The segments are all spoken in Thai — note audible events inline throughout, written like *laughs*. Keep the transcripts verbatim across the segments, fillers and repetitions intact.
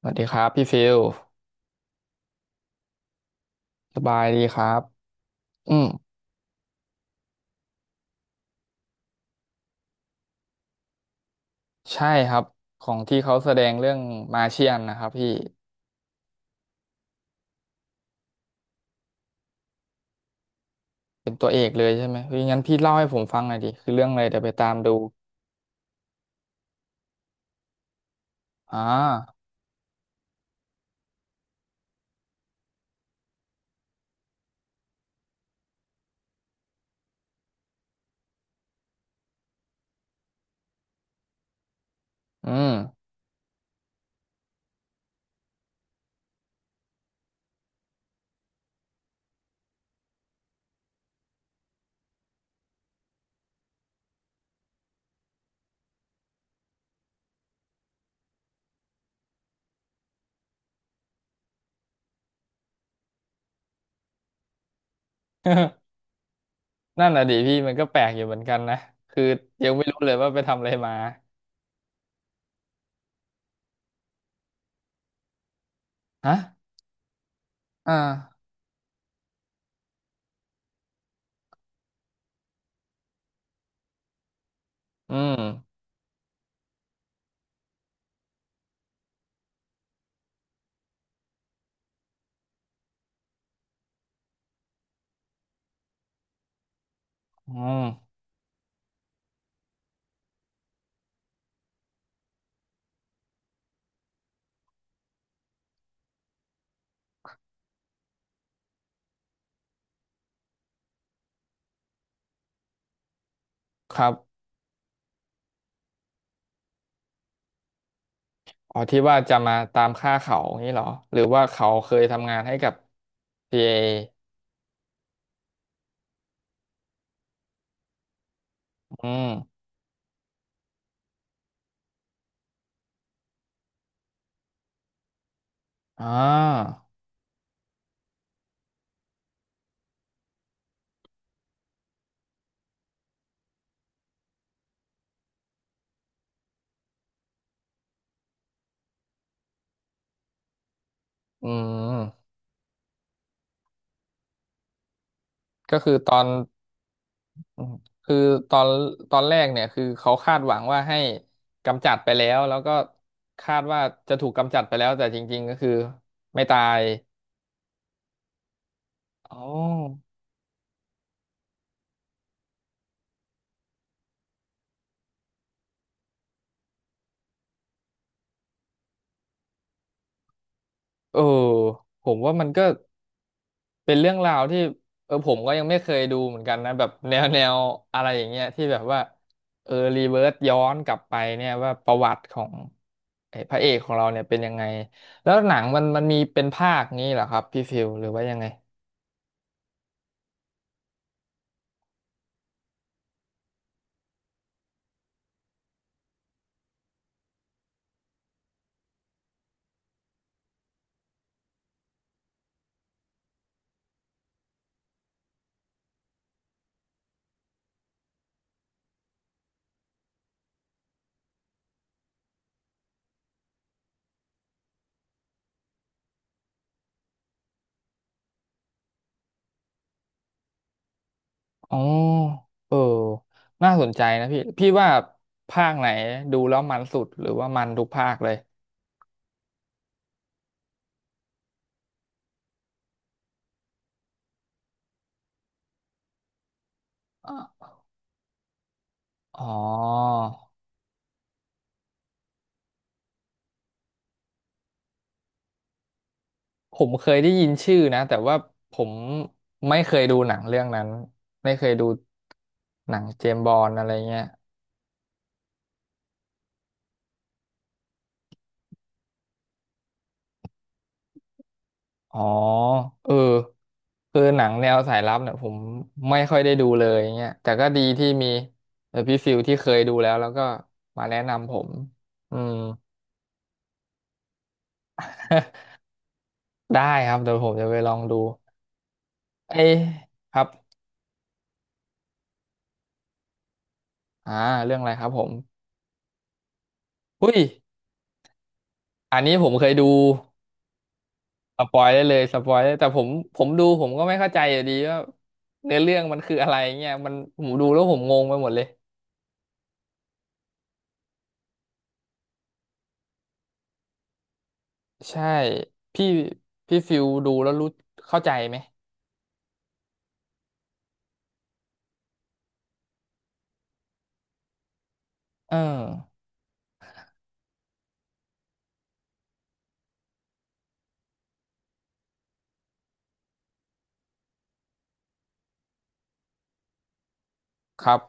สวัสดีครับพี่ฟิลสบายดีครับอืมใช่ครับของที่เขาแสดงเรื่องมาเชียนนะครับพี่เป็นตัวเอกเลยใช่ไหมเฮ้ยงั้นพี่เล่าให้ผมฟังหน่อยดิคือเรื่องอะไรเดี๋ยวไปตามดูอ่าอืม *laughs* นั่นน่ะดิพี่มันก็แปลกอยู่เหมือนกันนะคือยังไม่รู้เลยว่าไปทำอะไรมาฮะอ่าอืมอืมครับอ๋อที่ว่าจะมาตามฆ่าเขาอย่างนี้เหรอหรือว่าเขาเคยทำงานให้กับ ซี เออืมอ่าอืม ก็คือตอนคือตอนตอนแรกเนี่ยคือเขาคาดหวังว่าให้กำจัดไปแล้วแล้วก็คาดว่าจะถูกกำจัดไปแล้วแต่จริงๆก็คือไม่ตายอ๋อเออผมว่ามันก็เป็นเรื่องราวที่เออผมก็ยังไม่เคยดูเหมือนกันนะแบบแนวแนวอะไรอย่างเงี้ยที่แบบว่าเออรีเวิร์สย้อนกลับไปเนี่ยว่าประวัติของไอ้พระเอกของเราเนี่ยเป็นยังไงแล้วหนังมันมันมีเป็นภาคนี้เหรอครับพี่ฟิลหรือว่ายังไง อ๋อเออน่าสนใจนะพี่พี่ว่าภาคไหนดูแล้วมันสุดหรือว่ามันทุกภาคเลยอ่ะอ๋อผมเคยได้ยินชื่อนะแต่ว่าผมไม่เคยดูหนังเรื่องนั้นไม่เคยดูหนังเจมส์บอนด์อะไรเงี้ยอ๋อเออคือหนังแนวสายลับเนี่ยผมไม่ค่อยได้ดูเลยเงี้ยแต่ก็ดีที่มีเออพี่ฟิลที่เคยดูแล้วแล้วก็มาแนะนำผมอืม *laughs* ได้ครับเดี๋ยวผมจะไปลองดู ไอ้ครับอ่าเรื่องอะไรครับผมอุ้ยอันนี้ผมเคยดูสปอยได้เลยสปอยได้แต่ผมผมดูผมก็ไม่เข้าใจอยู่ดีว่าเนื้อเรื่องมันคืออะไรเงี้ยมันผมดูแล้วผมงงไปหมดเลยใช่พี่พี่ฟิลดูแล้วรู้เข้าใจไหมเออครับ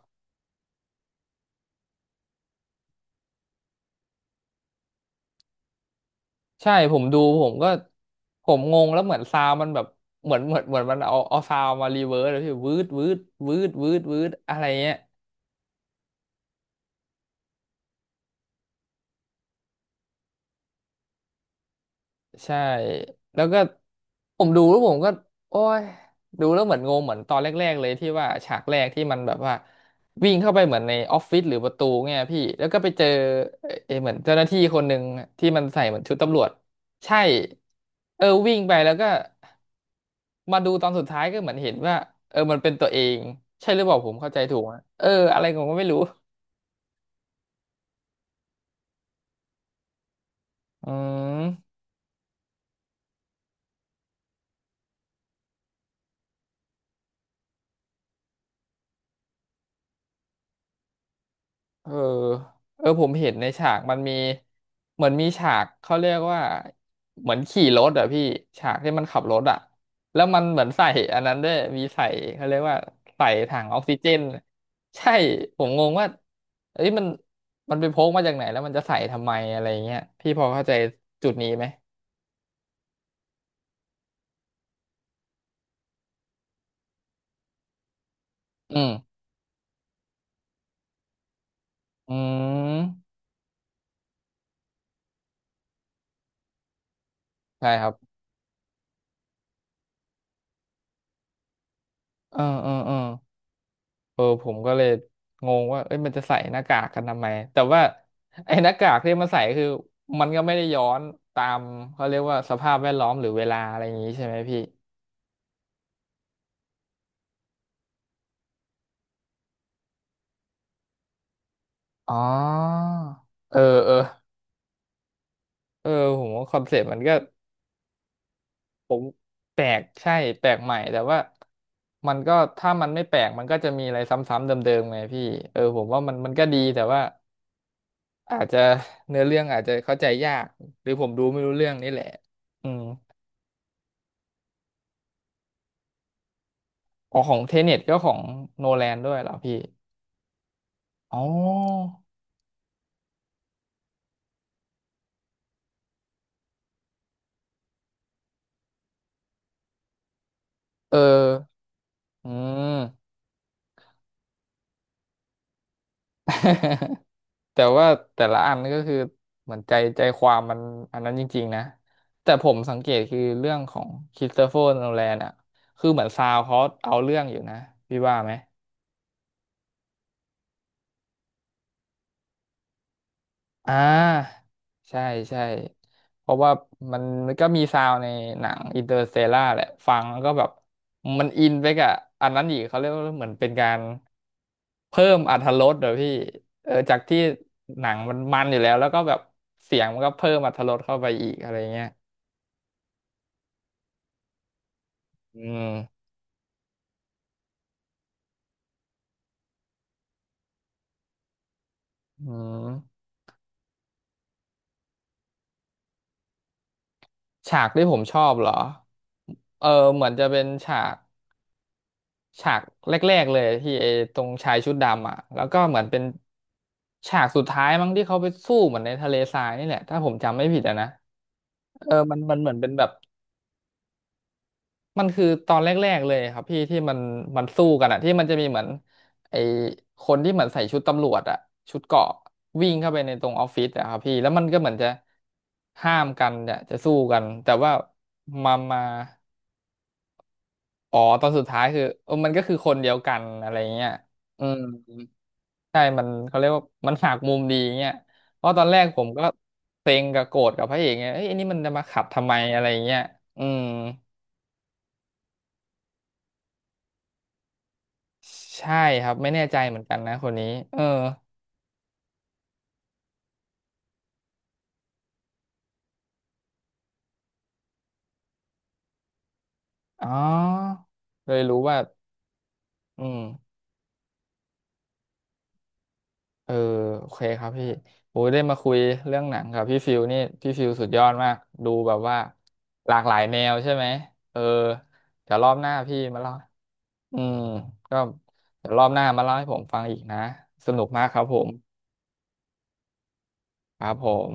ใช่ผมดูผมก็ผมงงแล้วเหมือนซาวด์มันแบบเหมือนเหมือนเหมือนมันเอาเอาซาวด์มารีเวิร์สแล้วพี่วืดวืดวืดวืดวืดอะไรเงี้ย ใช่แล้วก็ผมดูแล้วผมก็โอ้ยดูแล้วเหมือนงงเหมือนตอนแรกๆเลยที่ว่าฉากแรกที่มันแบบว่าวิ่งเข้าไปเหมือนในออฟฟิศหรือประตูเนี่ยพี่แล้วก็ไปเจอเออเหมือนเจ้าหน้าที่คนหนึ่งที่มันใส่เหมือนชุดตำรวจใช่เออวิ่งไปแล้วก็มาดูตอนสุดท้ายก็เหมือนเห็นว่าเออมันเป็นตัวเองใช่หรือเปล่าผมเข้าใจถูกอะเอออะไรผมก็ไม่รู้อืม เออเออผมเห็นในฉากมันมีเหมือนมีฉากเขาเรียกว่าเหมือนขี่รถอะพี่ฉากที่มันขับรถอะแล้วมันเหมือนใส่อันนั้นด้วยมีใส่เขาเรียกว่าใส่ถังออกซิเจนใช่ผมงงว่าเอ้ยมันมันไปพกมาจากไหนแล้วมันจะใส่ทำไมอะไรเงี้ยพี่พอเข้าใจจุดนี้ไหมอืมอืมใช่ครับเออเออเออ เออผมก็เลยงงว่าเอ้ยมันจะใส่หน้ากากกันทำไมแต่ว่าไอ้หน้ากากที่มันใส่คือมันก็ไม่ได้ย้อนตามเขาเรียกว่าสภาพแวดล้อมหรือเวลาอะไรอย่างนี้ใช่ไหมพี่อ๋อเออเออเออผมว่าคอนเซ็ปต์มันก็ผมแปลกใช่แปลกใหม่แต่ว่ามันก็ถ้ามันไม่แปลกมันก็จะมีอะไรซ้ำๆเดิมๆไงพี่เออผมว่ามันมันก็ดีแต่ว่าอาจจะเนื้อเรื่องอาจจะเข้าใจยากหรือผมดูไม่รู้เรื่องนี่แหละอืม อ๋อของเทเน็ตก็ของโนแลนด้วยเหรอพี่อ๋อเอออืม *laughs* แต่ว่าแต่ละอันก็คือเหมือนใจใจความมันอันนั้นจริงๆนะ แต่ผมสังเกตคือเรื่องของค เอช อาร์ ไอ เอส ที เฟอร์โนแลนอ่ะ คือเหมือนซาวเขาเอาเรื่องอยู่นะพี่ว่าไหม อ่าใช่ใช่เพราะว่ามันมันก็มีซาวด์ในหนังอินเตอร์สเตล่าแหละฟังแล้วก็แบบมันอินไปกับอันนั้นอีกเขาเรียกว่าเหมือนเป็นการเพิ่มอรรถรสเดี๋ยวพี่เออจากที่หนังมันมันอยู่แล้วแล้วก็แบบเสียงมันก็เพิ่มอรรถรสเข้าไปอีกอะไรเงี้ยอืมอืมฉากที่ผมชอบเหรอเออเหมือนจะเป็นฉาก ฉากแรกๆเลยที่ไอ้ตรงชายชุดดำอ่ะแล้วก็เหมือนเป็นฉากสุดท้ายมั้งที่เขาไปสู้เหมือนในทะเลทรายนี่แหละถ้าผมจำไม่ผิดอะนะเออมันมันเหมือนเป็นแบบมันคือตอนแรกๆเลยครับพี่ที่มันมันสู้กันอ่ะที่มันจะมีเหมือนไอ้คนที่เหมือนใส่ชุดตำรวจอ่ะชุดเกราะวิ่งเข้าไปในตรงออฟฟิศอะครับพี่แล้วมันก็เหมือนจะห้ามกันเนี่ยจะสู้กันแต่ว่ามามาอ๋อตอนสุดท้ายคือเออมันก็คือคนเดียวกันอะไรเงี้ยอืม ใช่มันเขาเรียกว่ามันหักมุมดีเงี้ยเพราะตอนแรกผมก็เซ็งกับโกรธกับพระเอกไงยเอ้ยอันนี้มันจะมาขับทำไมอะไรเงี้ยอืมใช่ครับไม่แน่ใจเหมือนกันนะคนนี้เอออ๋อเลยรู้ว่าอืมเออโอเคครับพี่โอ้ยได้มาคุยเรื่องหนังกับพี่ฟิวนี่พี่ฟิวสุดยอดมากดูแบบว่าหลากหลายแนวใช่ไหมเออเดี๋ยวรอบหน้าพี่มาเล่าอืมก็เดี๋ยวรอบหน้ามาเล่าให้ผมฟังอีกนะสนุกมากครับผม ครับผม